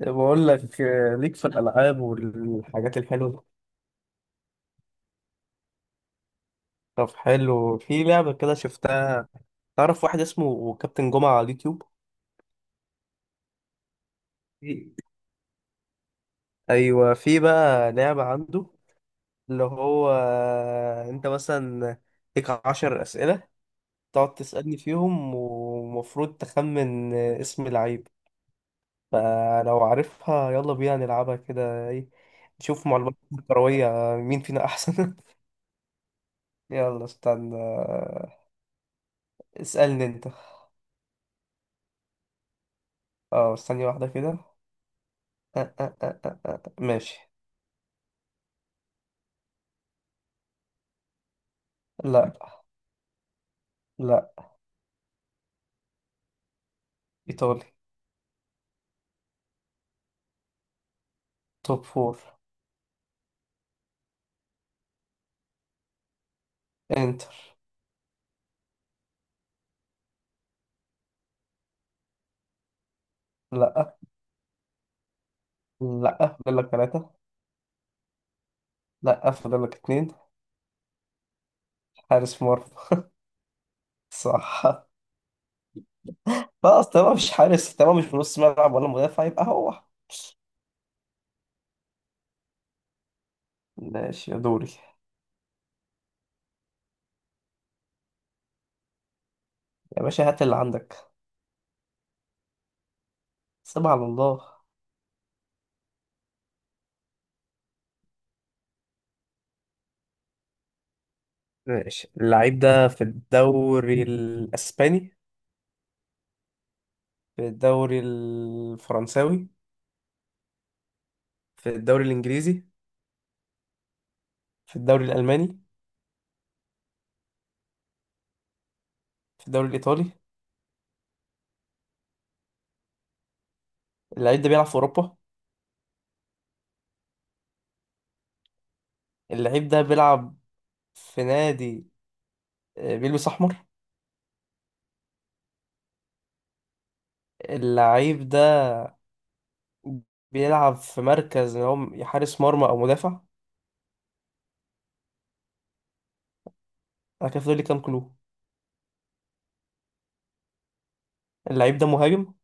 بقول لك ليك في الألعاب والحاجات الحلوة. طب حلو في لعبة كده شفتها. تعرف واحد اسمه كابتن جمعة على اليوتيوب. في- أيوة، في بقى لعبة عنده. اللي هو أنت مثلا ليك 10 أسئلة. تقعد تسألني فيهم، ومفروض تخمن اسم لعيب. فلو عارفها يلا بينا نلعبها كده، إيه؟ نشوف معلومات كروية مين فينا أحسن. يلا استنى اسألني أنت. اه، ثانية واحدة كده. ماشي. لا، لا. إيطالي. توب فور. إنتر. لا. لا، فاضل لك ثلاثة. لا، فاضل لك اتنين. حارس مرمى. صح. خلاص، تمام، مش حارس، تمام، مش في نص ملعب ولا مدافع، يبقى هو. ماشي يا دوري. يا باشا، هات اللي عندك. سيبها على الله. ماشي. اللعيب ده في الدوري الأسباني؟ في الدوري الفرنساوي؟ في الدوري الإنجليزي؟ في الدوري الألماني؟ في الدوري الإيطالي؟ اللعيب ده بيلعب في اوروبا؟ اللعيب ده بيلعب في نادي بيلبس احمر؟ اللعيب ده بيلعب في مركز اللي هو حارس مرمى او مدافع؟ انا كده فاضل لي كام كلو؟ اللعيب ده مهاجم؟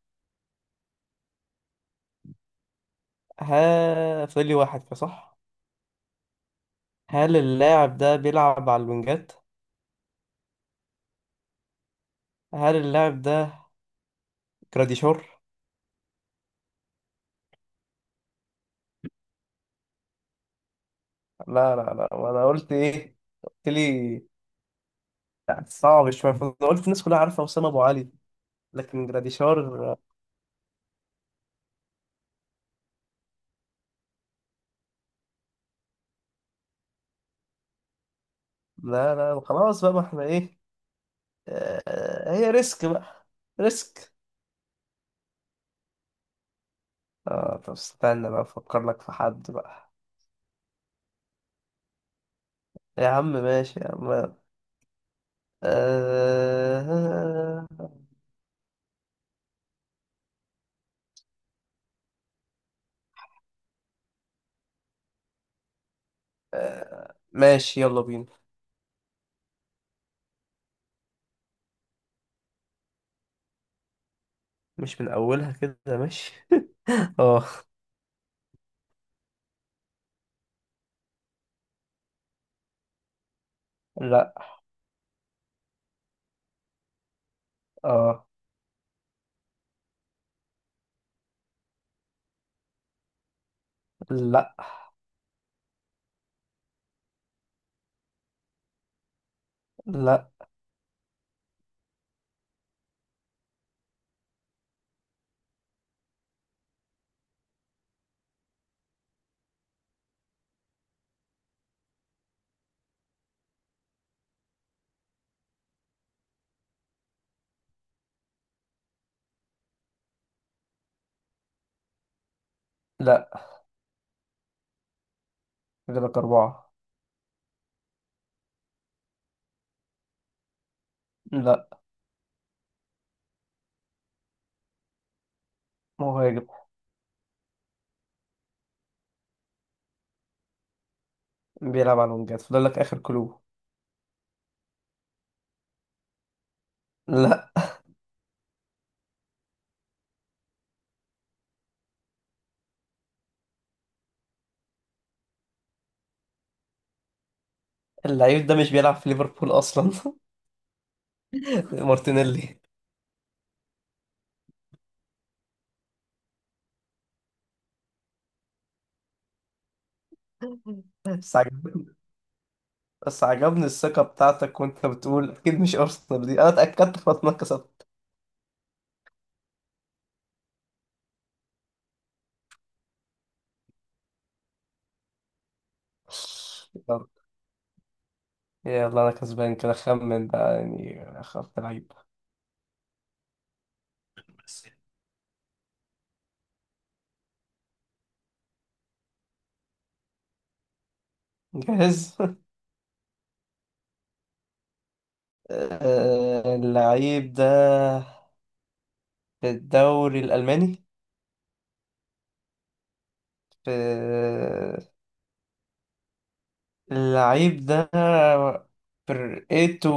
ها، فاضل لي واحد كده، صح؟ هل اللاعب ده بيلعب على الوينجات؟ هل اللاعب ده جراديشار؟ لا، لا، لا. وانا قلت ايه؟ قلت لي يعني صعب شويه، فانا قلت الناس كلها عارفه اسامه ابو علي، لكن جراديشار. لا، لا، خلاص بقى، ما احنا ايه. هي ريسك بقى. ريسك. اه، طب استنى بقى افكر لك في حد بقى. يا عم ماشي يا عم. آه... ماشي يلا بينا. مش من اولها كده، ماشي. اه. لا. اه. لا. لا. لا، فاضل لك اربعة. لا. مهاجم. بيلعب على الونجات، فاضل لك اخر كلو. لا. اللعيب ده مش بيلعب في ليفربول اصلا. مارتينيلي. بس عجب- بس عجبني الثقة بتاعتك، وانت بتقول اكيد مش ارسنال. دي انا اتأكدت فانا كسبت. يلا. يلا، انا كسبان كده، خمن بقى يعني اخاف لعيب. جاهز. اللعيب ده في الدوري الألماني؟ في اللعيب ده فرقته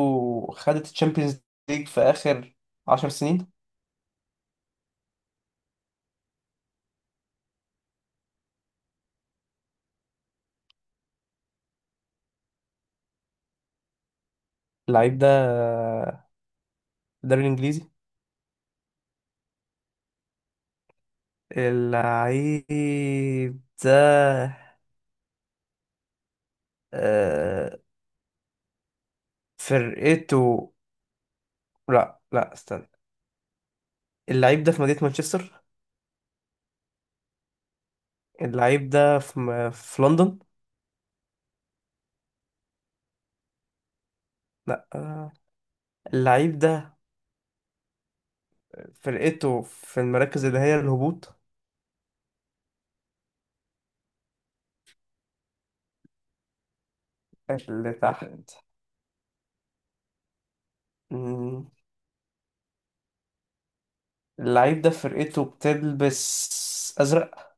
خدت الشامبيونز ليج في آخر 10 سنين؟ اللعيب ده في الدوري الإنجليزي؟ اللعيب ده آه، فرقته، لا لا استنى. اللعيب ده في مدينة مانشستر؟ اللعيب ده في في لندن؟ لا. اللعيب ده فرقته في المراكز اللي هي الهبوط؟ اللي تحت. مم، اللعيب ده فرقته بتلبس أزرق؟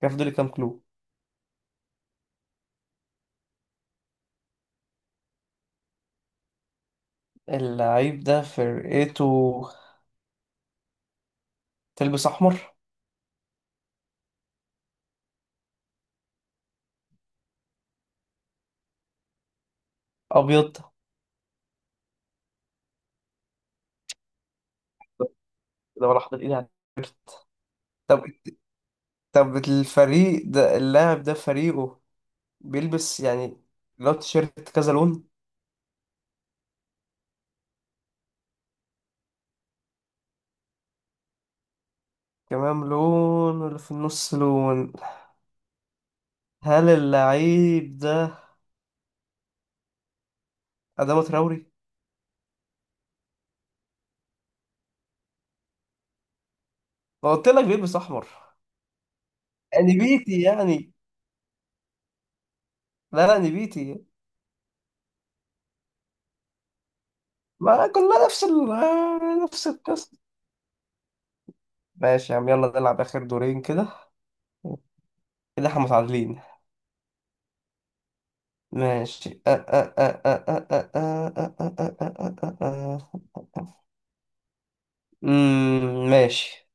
كيف دول كام كلو؟ اللعيب ده فرقته تلبس أحمر؟ أبيض؟ طب، ده ولا حاطط إيدي؟ طب طب الفريق ده اللاعب ده فريقه بيلبس يعني، لو تيشيرت كذا لون؟ كمان لون واللي في النص لون. هل اللعيب ده أدامة تراوري؟ ما قلت لك بيلبس أحمر. نبيتي يعني. لا، لا، نبيتي. ما كلها نفس نفس القصة. ماشي يا عم، يلا نلعب آخر دورين كده. كده احنا متعادلين. ماشي. ماشي.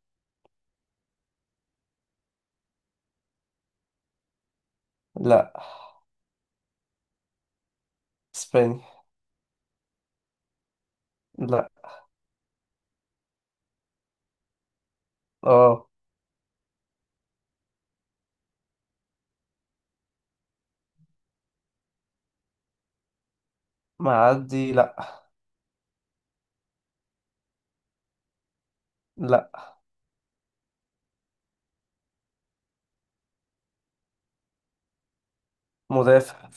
لا. اسباني. لا. اه. معدي؟ لا. لا. مدافع.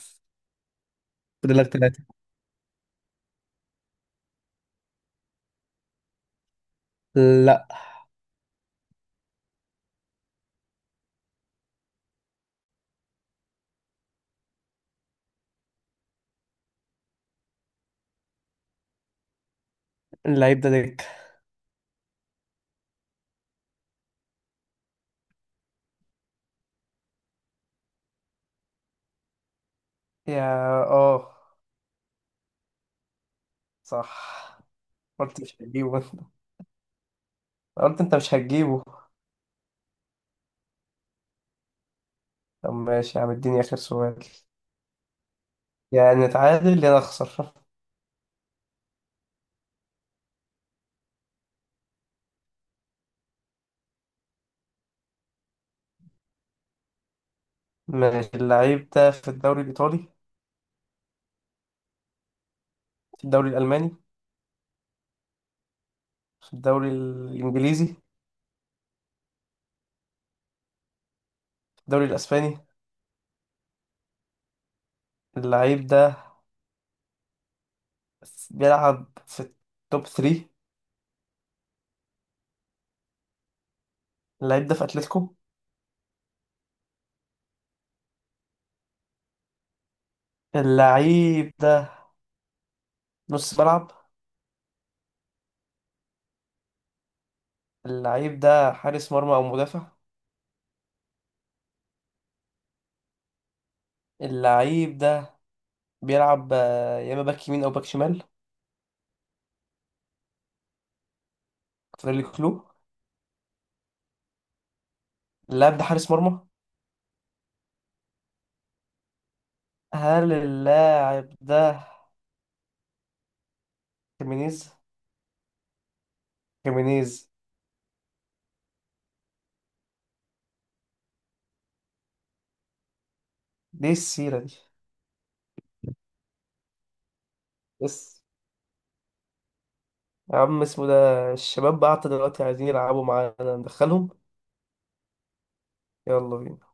فاضل لك ثلاثة. لا. اللعيب ده دكة؟ يا. اه. صح. قلت مش هتجيبه. انت؟ قلت انت مش هتجيبه. طب ماشي يا عم، اديني اخر سؤال. يعني نتعادل يا نخسر. ماشي. اللعيب ده في الدوري الايطالي؟ في الدوري الالماني؟ في الدوري الانجليزي؟ في الدوري الاسباني؟ اللعيب ده بيلعب في التوب 3؟ اللعيب ده في اتلتيكو؟ اللعيب ده نص ملعب؟ اللعيب ده حارس مرمى او مدافع؟ اللعيب ده بيلعب يا اما باك يمين او باك شمال؟ فاضل لي كلو. اللاعب ده حارس مرمى؟ هل اللاعب ده خيمينيز؟ خيمينيز. ليه السيرة دي؟ بس يا عم، اسمه ده. الشباب بعت دلوقتي عايزين يلعبوا معانا، ندخلهم؟ يلا بينا.